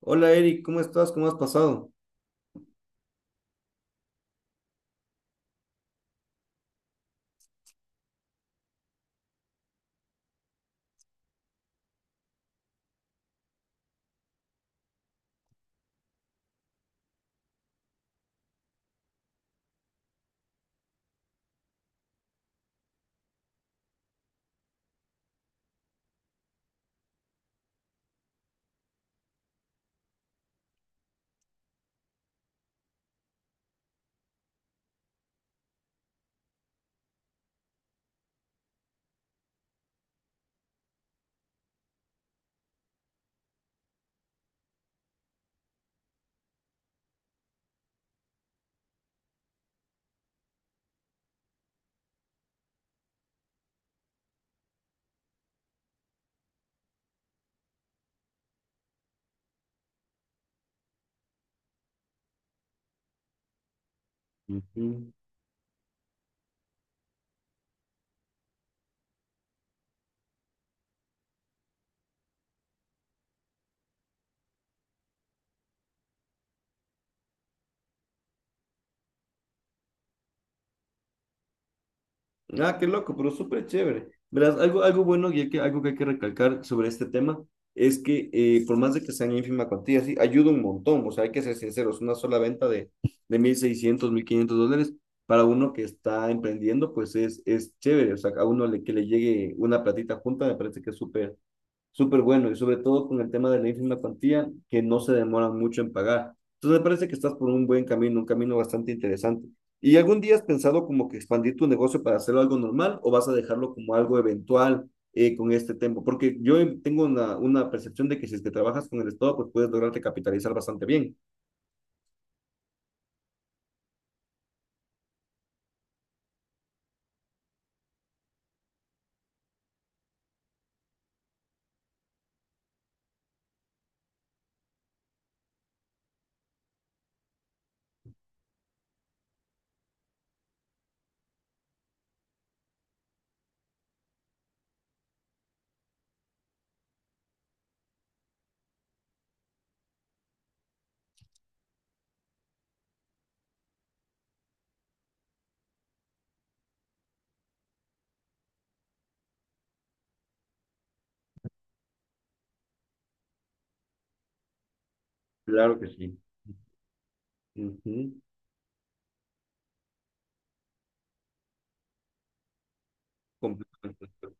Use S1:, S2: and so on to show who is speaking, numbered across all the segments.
S1: Hola Eric, ¿cómo estás? ¿Cómo has pasado? Ah, qué loco, pero súper chévere. Verás, algo bueno algo que hay que recalcar sobre este tema es que por más de que sean ínfima cuantía, sí, ayuda un montón. O sea, hay que ser sinceros, una sola venta de 1.600, 1.500 dólares para uno que está emprendiendo, pues es chévere. O sea, que le llegue una platita junta me parece que es súper, súper bueno, y sobre todo con el tema de la ínfima cuantía, que no se demora mucho en pagar. Entonces me parece que estás por un buen camino, un camino bastante interesante. ¿Y algún día has pensado como que expandir tu negocio para hacerlo algo normal o vas a dejarlo como algo eventual con este tiempo? Porque yo tengo una percepción de que si es que trabajas con el Estado, pues puedes lograrte capitalizar bastante bien. Claro que sí. Ujú. Completamente de acuerdo.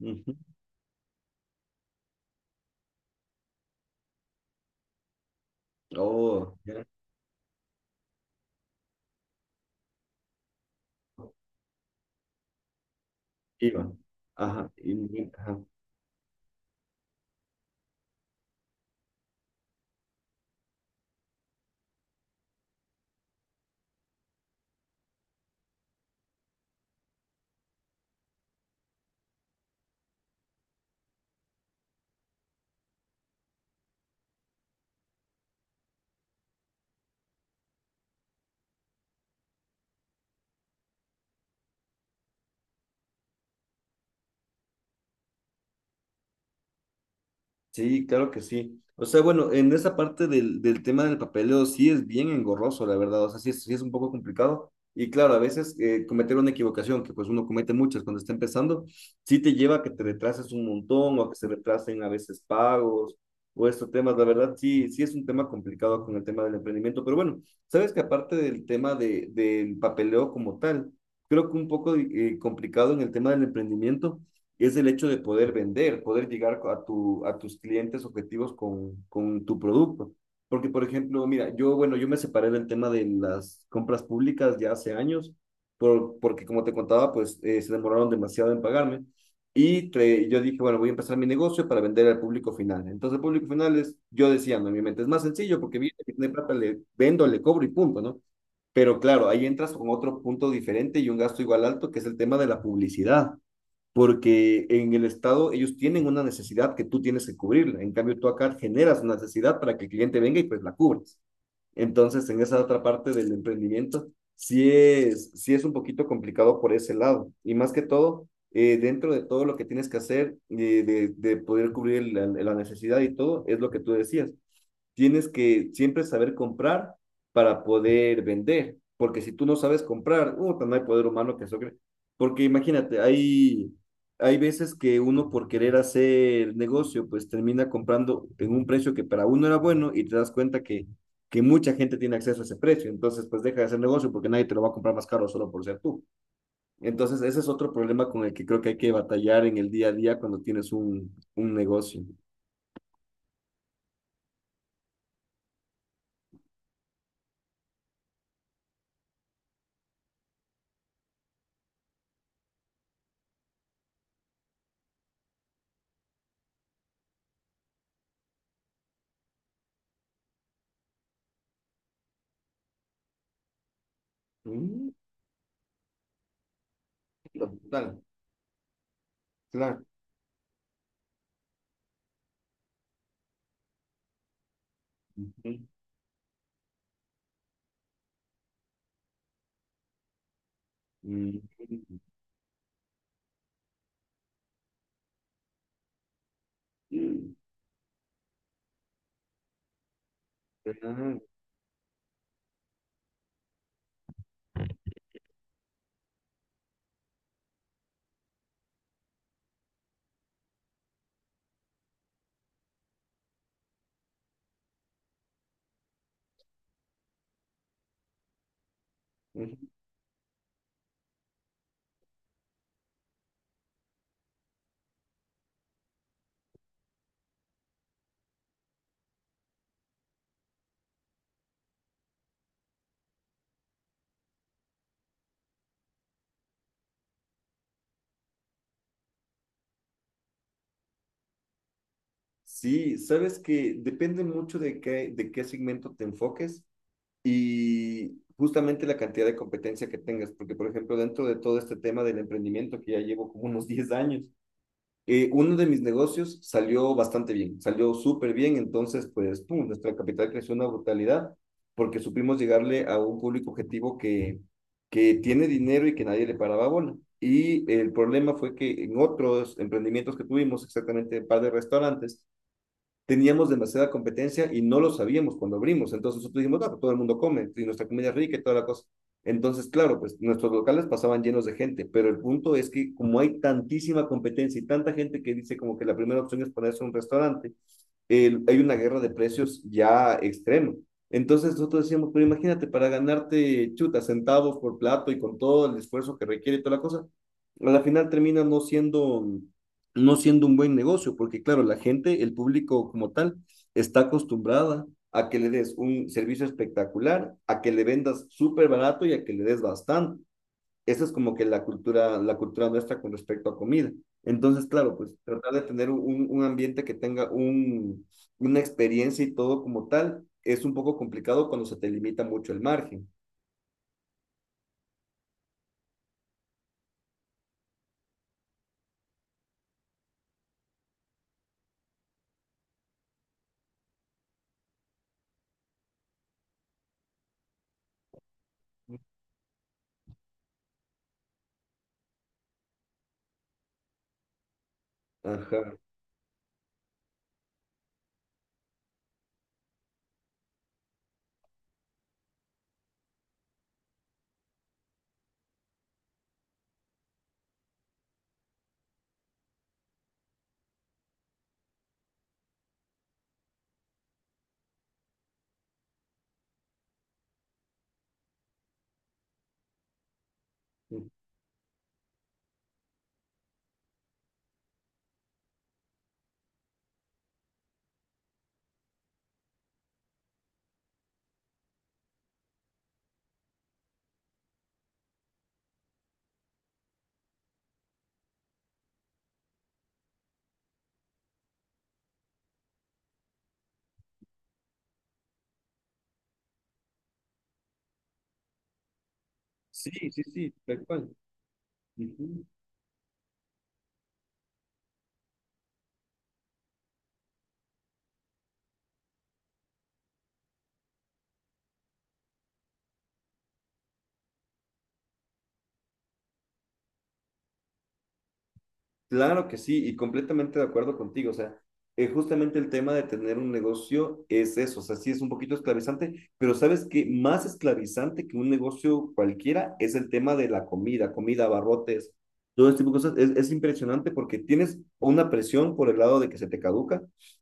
S1: Ujú. Oh, ya. Iba. Ajá, y, ajá. Sí, claro que sí. O sea, bueno, en esa parte del tema del papeleo sí es bien engorroso, la verdad. O sea, sí es un poco complicado. Y claro, a veces cometer una equivocación, que pues uno comete muchas cuando está empezando, sí te lleva a que te retrases un montón o a que se retrasen a veces pagos o estos temas. La verdad, sí es un tema complicado con el tema del emprendimiento. Pero bueno, sabes que aparte del papeleo como tal, creo que un poco complicado en el tema del emprendimiento es el hecho de poder vender, poder llegar a tus clientes objetivos con tu producto. Porque, por ejemplo, mira, yo me separé del tema de las compras públicas ya hace años, porque como te contaba, pues se demoraron demasiado en pagarme. Yo dije, bueno, voy a empezar mi negocio para vender al público final. Entonces, el público final es, yo decía, no, en mi mente es más sencillo porque viene que tiene plata, le vendo, le cobro y punto, ¿no? Pero claro, ahí entras con otro punto diferente y un gasto igual alto, que es el tema de la publicidad porque en el Estado ellos tienen una necesidad que tú tienes que cubrirla. En cambio, tú acá generas una necesidad para que el cliente venga y pues la cubres. Entonces, en esa otra parte del emprendimiento, sí es un poquito complicado por ese lado. Y más que todo, dentro de todo lo que tienes que hacer, de poder cubrir la necesidad y todo, es lo que tú decías. Tienes que siempre saber comprar para poder vender, porque si tú no sabes comprar, no hay poder humano que eso cree. Porque imagínate, hay veces que uno por querer hacer negocio, pues termina comprando en un precio que para uno era bueno y te das cuenta que mucha gente tiene acceso a ese precio, entonces pues deja de hacer negocio porque nadie te lo va a comprar más caro solo por ser tú. Entonces ese es otro problema con el que creo que hay que batallar en el día a día cuando tienes un negocio. Mm. Total, claro. Ujú. Mm. Mm, claro. Ujú. Sí, sabes que depende mucho de qué segmento te enfoques y justamente la cantidad de competencia que tengas, porque por ejemplo, dentro de todo este tema del emprendimiento que ya llevo como unos 10 años. Uno de mis negocios salió bastante bien, salió súper bien, entonces pues pum, nuestra capital creció una brutalidad porque supimos llegarle a un público objetivo que tiene dinero y que nadie le paraba bola. Y el problema fue que en otros emprendimientos que tuvimos, exactamente un par de restaurantes, teníamos demasiada competencia y no lo sabíamos cuando abrimos. Entonces nosotros dijimos, ah, pues todo el mundo come y nuestra comida es rica y toda la cosa. Entonces, claro, pues nuestros locales pasaban llenos de gente, pero el punto es que como hay tantísima competencia y tanta gente que dice como que la primera opción es ponerse un restaurante, hay una guerra de precios ya extrema. Entonces nosotros decíamos, pero imagínate, para ganarte chuta, centavos por plato y con todo el esfuerzo que requiere y toda la cosa, a la final termina no siendo, no siendo un buen negocio, porque claro, la gente, el público como tal, está acostumbrada a que le des un servicio espectacular, a que le vendas súper barato y a que le des bastante. Esa es como que la cultura nuestra con respecto a comida. Entonces, claro, pues tratar de tener un ambiente que tenga una experiencia y todo como tal es un poco complicado cuando se te limita mucho el margen. Ajá. Sí, sí, sí, tal cual. Ujú. Claro que sí, y completamente de acuerdo contigo. O sea, justamente el tema de tener un negocio es eso. O sea, sí es un poquito esclavizante, pero sabes que más esclavizante que un negocio cualquiera es el tema de la comida, abarrotes, todo este tipo de cosas. Es impresionante porque tienes una presión por el lado de que se te caduca,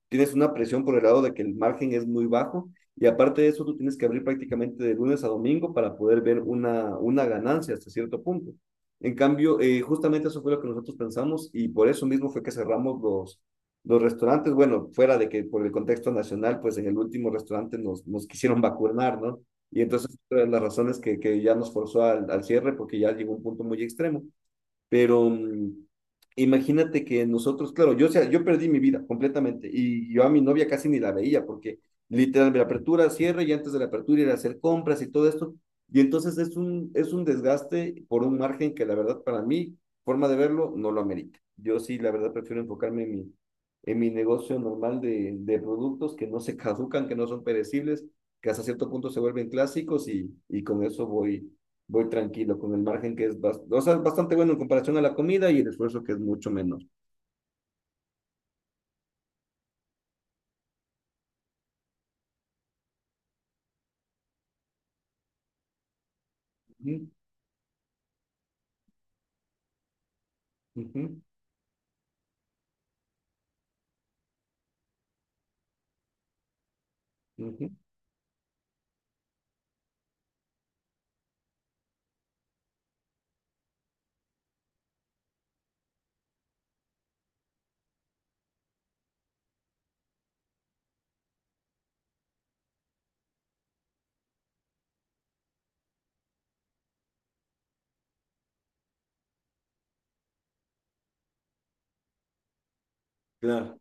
S1: tienes una presión por el lado de que el margen es muy bajo, y aparte de eso, tú tienes que abrir prácticamente de lunes a domingo para poder ver una ganancia hasta cierto punto. En cambio, justamente eso fue lo que nosotros pensamos y por eso mismo fue que cerramos los restaurantes. Bueno, fuera de que por el contexto nacional, pues en el último restaurante nos quisieron vacunar, ¿no? Y entonces, otra de las razones que ya nos forzó al cierre, porque ya llegó un punto muy extremo. Pero mm, imagínate que nosotros, claro, yo perdí mi vida completamente y yo a mi novia casi ni la veía porque literalmente la apertura, cierre y antes de la apertura ir a hacer compras y todo esto. Y entonces es un desgaste por un margen que la verdad para mí, forma de verlo, no lo amerita. Yo sí, la verdad, prefiero enfocarme en en mi negocio normal de productos que no se caducan, que no son perecibles, que hasta cierto punto se vuelven clásicos y con eso voy tranquilo con el margen que es o sea, bastante bueno en comparación a la comida y el esfuerzo que es mucho menor. Ujú, ujú, ujú. Claro.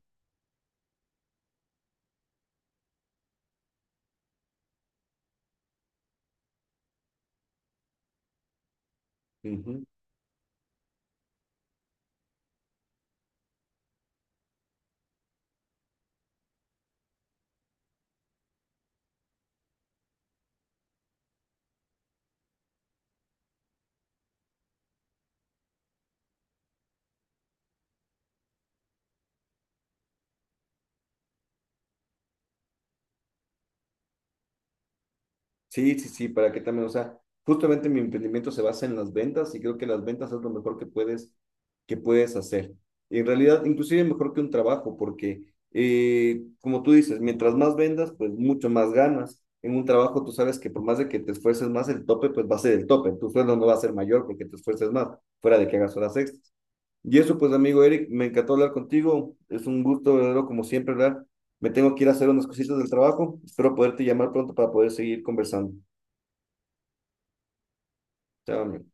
S1: Ujú. Sí, sí, sí, para que también, o sea, justamente mi emprendimiento se basa en las ventas y creo que las ventas es lo mejor que que puedes hacer. Y en realidad, inclusive mejor que un trabajo, porque como tú dices, mientras más vendas, pues mucho más ganas. En un trabajo tú sabes que por más de que te esfuerces más, el tope pues va a ser el tope. Tu sueldo no va a ser mayor porque te esfuerces más, fuera de que hagas horas extras. Y eso, pues, amigo Eric, me encantó hablar contigo. Es un gusto, verdadero, como siempre, ¿verdad? Me tengo que ir a hacer unas cositas del trabajo. Espero poderte llamar pronto para poder seguir conversando. Chao, amigo.